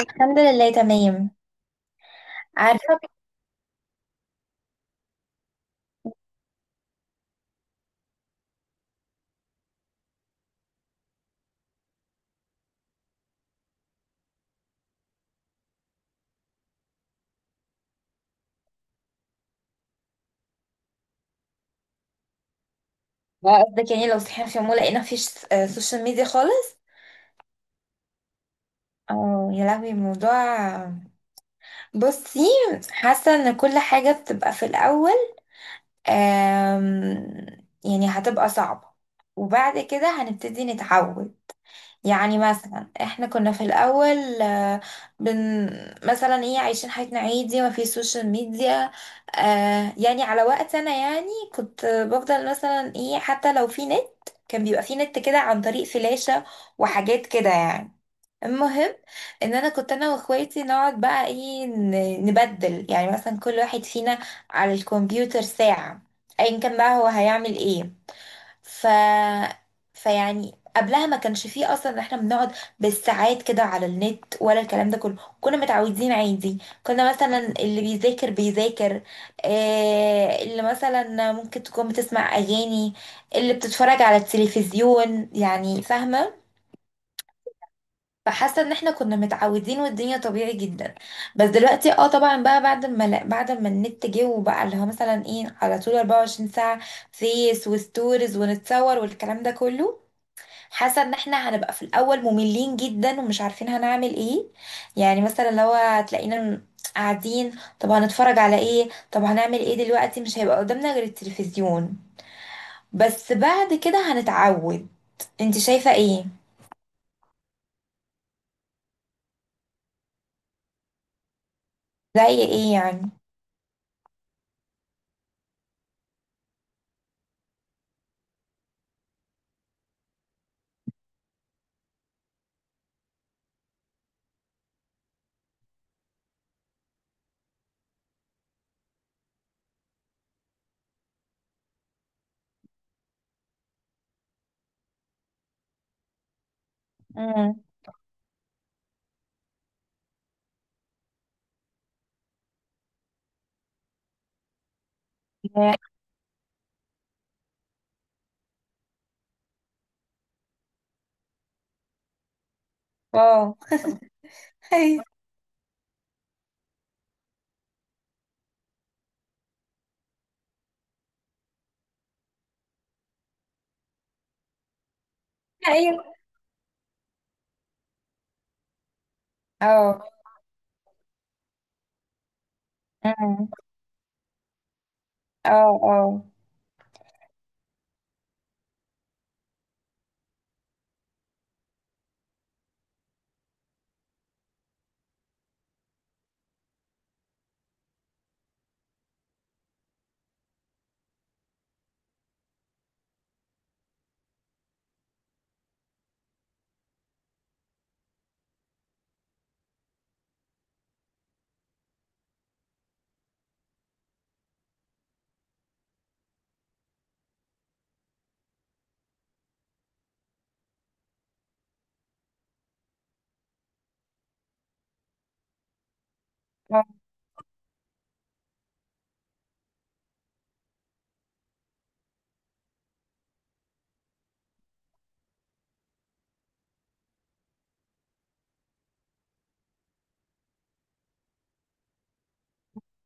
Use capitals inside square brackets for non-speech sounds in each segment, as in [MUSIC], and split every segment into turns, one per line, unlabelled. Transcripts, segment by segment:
الحمد لله تمام. عارفة. بقى قصدك يعني لو صحينا في يوم ولقينا مفيش سوشيال ميديا خالص. اه يا لهوي الموضوع. بصي، حاسة ان كل حاجة بتبقى في الأول، آم، يعني هتبقى صعبة، وبعد كده هنبتدي نتعود. يعني مثلا احنا كنا في الاول بن مثلا ايه عايشين حياتنا عادي ما في سوشيال ميديا. يعني على وقت انا يعني كنت بفضل مثلا ايه حتى لو في نت، كان بيبقى في نت كده عن طريق فلاشة وحاجات كده يعني. المهم ان انا كنت انا واخواتي نقعد بقى ايه نبدل، يعني مثلا كل واحد فينا على الكمبيوتر ساعة، ايا كان بقى هو هيعمل ايه. ف فيعني قبلها ما كانش فيه اصلا ان احنا بنقعد بالساعات كده على النت ولا الكلام ده كله، كنا متعودين عادي. كنا مثلا اللي بيذاكر بيذاكر، اللي مثلا ممكن تكون بتسمع اغاني، اللي بتتفرج على التلفزيون يعني فاهمة. فحاسة ان احنا كنا متعودين والدنيا طبيعي جدا. بس دلوقتي اه طبعا بقى بعد ما النت جه، وبقى اللي هو مثلا ايه على طول 24 ساعة فيس وستوريز ونتصور والكلام ده كله. حاسه ان احنا هنبقى في الاول مملين جدا ومش عارفين هنعمل ايه. يعني مثلا لو هتلاقينا قاعدين، طب هنتفرج على ايه؟ طب هنعمل ايه دلوقتي؟ مش هيبقى قدامنا غير التلفزيون. بس بعد كده هنتعود. انت شايفه ايه؟ زي ايه يعني؟ امم. اه. [LAUGHS] ايوه. اه. امم. اه. اه.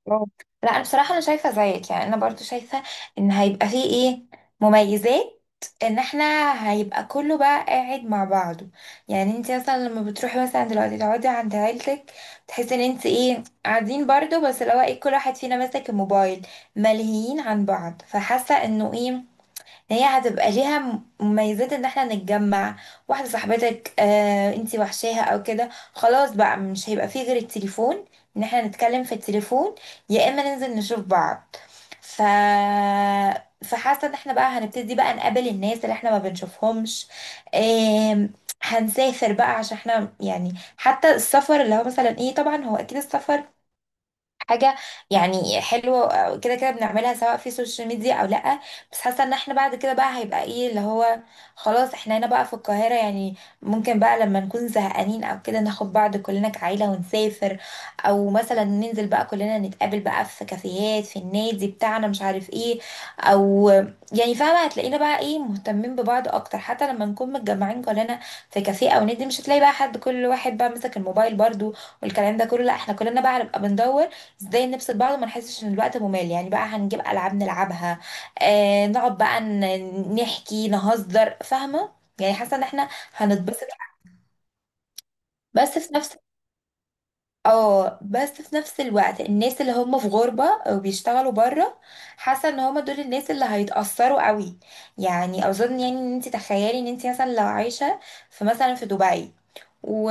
برافو. لا انا بصراحه انا شايفه زيك، يعني انا برضو شايفه ان هيبقى فيه ايه مميزات، ان احنا هيبقى كله بقى قاعد مع بعضه. يعني انت مثلا لما بتروحي مثلا دلوقتي تقعدي عند عيلتك، تحسي ان انت ايه قاعدين برضو بس اللي هو ايه كل واحد فينا ماسك الموبايل، ملهيين عن بعض. فحاسه انه ايه، هي هتبقى ليها مميزات ان احنا نتجمع. واحدة صاحبتك انتي وحشاها او كده، خلاص بقى مش هيبقى فيه غير التليفون، ان احنا نتكلم في التليفون، يا اما ننزل نشوف بعض. ف فحاسة ان احنا بقى هنبتدي بقى نقابل الناس اللي احنا ما بنشوفهمش، آم، هنسافر بقى عشان احنا يعني. حتى السفر اللي هو مثلا ايه طبعا هو اكيد السفر حاجة يعني حلوة، كده كده بنعملها سواء في السوشيال ميديا او لأ. بس حاسة ان احنا بعد كده بقى هيبقى ايه اللي هو، خلاص احنا هنا بقى في القاهرة يعني، ممكن بقى لما نكون زهقانين او كده ناخد بعض كلنا كعيلة ونسافر، او مثلا ننزل بقى كلنا نتقابل بقى في كافيهات في النادي بتاعنا مش عارف ايه، او يعني فاهمة هتلاقينا بقى ايه مهتمين ببعض اكتر. حتى لما نكون متجمعين كلنا في كافيه او نادي، مش هتلاقي بقى حد كل واحد بقى مسك الموبايل برضو والكلام ده كله. لا احنا كلنا بقى هنبقى بندور ازاي نبسط بعض وما نحسش ان الوقت ممل. يعني بقى هنجيب العاب نلعبها، آه نقعد بقى نحكي نهزر فاهمه. يعني حاسه ان احنا هنتبسط. بس في نفس اه بس في نفس الوقت الناس اللي هم في غربه او بيشتغلوا بره، حاسه ان هم دول الناس اللي هيتاثروا قوي. يعني اظن يعني، ان انت تخيلي ان انت مثلا لو عايشه في مثلا في دبي و...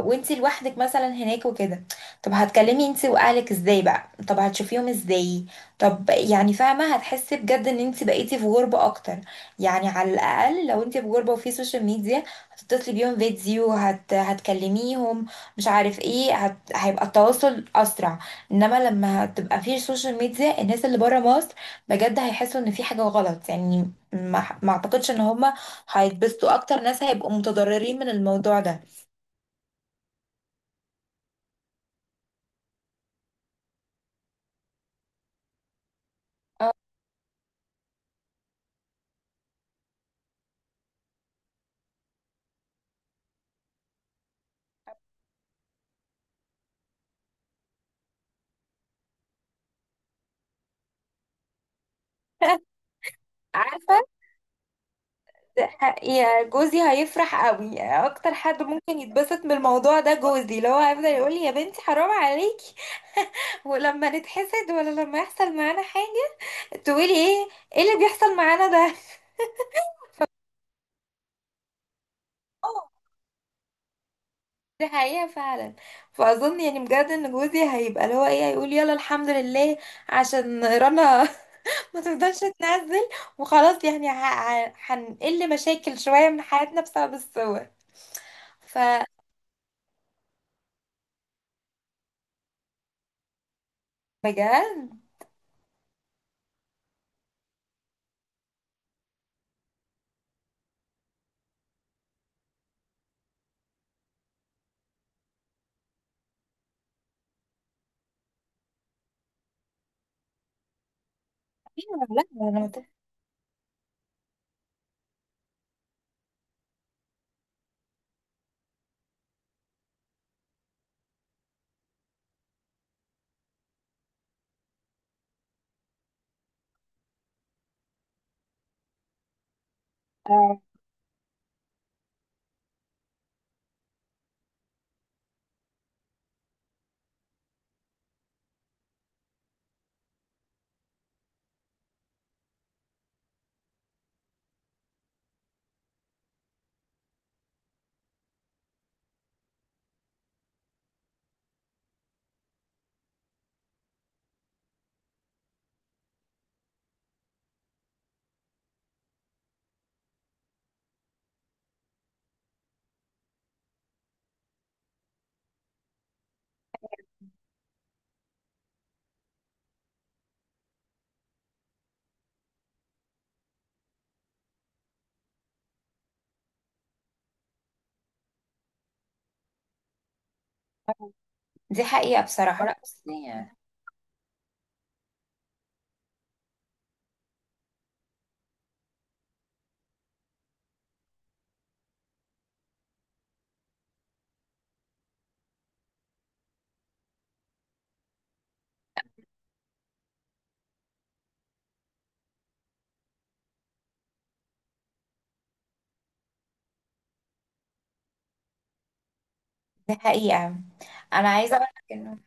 وانتي لوحدك مثلا هناك وكده، طب هتكلمي انتي واهلك ازاي بقى؟ طب هتشوفيهم ازاي؟ طب يعني فاهمه هتحسي بجد ان انتي بقيتي في غربه اكتر. يعني على الاقل لو انتي في غربه وفي سوشيال ميديا، هتتصلي بيهم فيديو هتكلميهم مش عارف ايه، هيبقى التواصل اسرع. انما لما هتبقى في سوشيال ميديا الناس اللي بره مصر، بجد هيحسوا ان في حاجه غلط يعني، ما اعتقدش ان هما هيتبسطوا اكتر، ناس هيبقوا متضررين من الموضوع ده. [LAUGHS] عارفة. يا جوزي هيفرح قوي، اكتر حد ممكن يتبسط من الموضوع ده جوزي، لو هو هيفضل يقول لي يا بنتي حرام عليكي ولما نتحسد ولا لما يحصل معانا حاجة، تقولي ايه؟ ايه اللي بيحصل معانا ده؟ [LAUGHS] اه. دي حقيقة فعلا. فأظن يعني بجد إن جوزي هيبقى اللي هو إيه، هيقول يلا الحمد لله عشان رنا [LAUGHS] ما تفضلش تنزل، وخلاص يعني هنقل مشاكل شوية من حياتنا بسبب الصور. ف بجد. لا انا. آه، دي حقيقة بصراحة ورق أصلية. دي حقيقة. أنا عايزة أقول لك إنه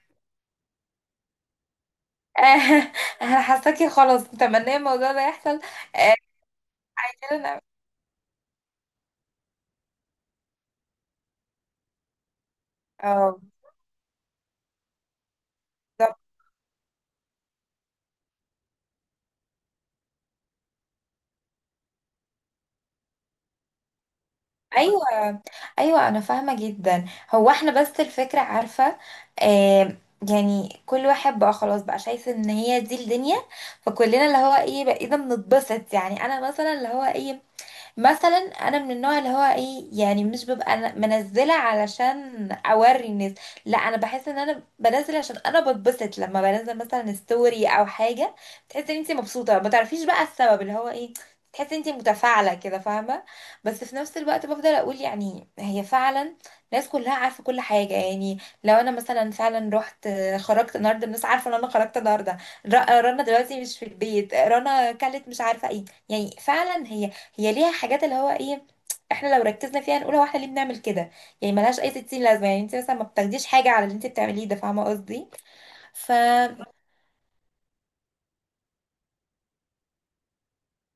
[LAUGHS] أنا حاساكي خلاص متمنية الموضوع ده يحصل. آه، عايزين نعمل- اه. بالظبط. أيوة. أيوة أنا فاهمة جدا. هو إحنا بس الفكرة عارفة، آه، يعني كل واحد بقى خلاص بقى شايف إن هي دي الدنيا، فكلنا اللي هو إيه بقينا بنتبسط. يعني أنا مثلا اللي هو إيه، مثلا، انا من النوع اللي هو ايه يعني مش ببقى أنا منزله علشان اوري الناس. لا، انا بحس ان انا بنزل عشان انا بتبسط لما بنزل مثلا ستوري او حاجه. بتحسي ان انت مبسوطه ما تعرفيش بقى السبب اللي هو ايه، تحسي ان انت متفاعله كده فاهمه. بس في نفس الوقت بفضل اقول يعني هي فعلا، الناس كلها عارفه كل حاجه يعني. لو انا مثلا فعلا رحت، خرجت النهارده، الناس عارفه ان انا خرجت النهارده. رنا دلوقتي مش في البيت، رنا كلت مش عارفه ايه. يعني فعلا هي، هي ليها حاجات اللي هو ايه، احنا لو ركزنا فيها نقول هو احنا ليه بنعمل كده؟ يعني ملهاش اي 60 لازمه. يعني انت مثلا ما بتاخديش حاجه على اللي انت بتعمليه ده، فاهمه قصدي. ف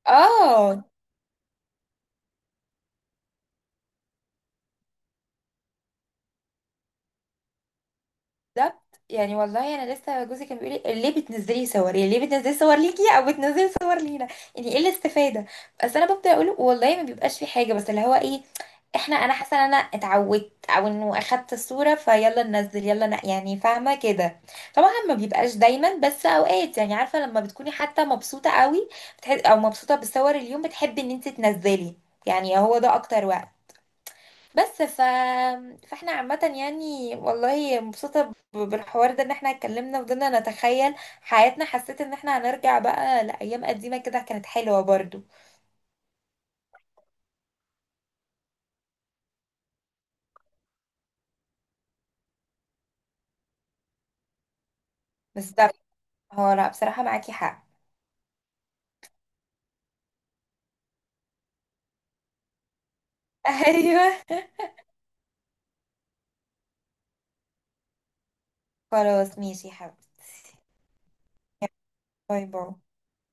اه، بالظبط. يعني والله انا لسه جوزي كان بيقول لي ليه بتنزلي صور؟ يعني ليه بتنزلي صور ليكي او بتنزلي صور لينا؟ يعني ايه الاستفاده؟ بس انا ببدا اقول له والله ما بيبقاش في حاجه، بس اللي هو ايه، انا حاسه ان انا اتعودت او انه اخدت الصوره فيلا ننزل يلا يعني فاهمه كده. طبعا ما بيبقاش دايما بس اوقات، يعني عارفه لما بتكوني حتى مبسوطه قوي او مبسوطه بالصور اليوم بتحبي ان انت تنزلي، يعني هو ده اكتر وقت. بس فاحنا عامة يعني والله مبسوطة بالحوار ده، ان احنا اتكلمنا وفضلنا نتخيل حياتنا. حسيت ان احنا هنرجع بقى لأيام قديمة كده كانت حلوة برضو. بس ده، هو لا بصراحة معاكي حق. [LAUGHS] ايوه. خلاص ماشي يا حبيبتي، باي باي.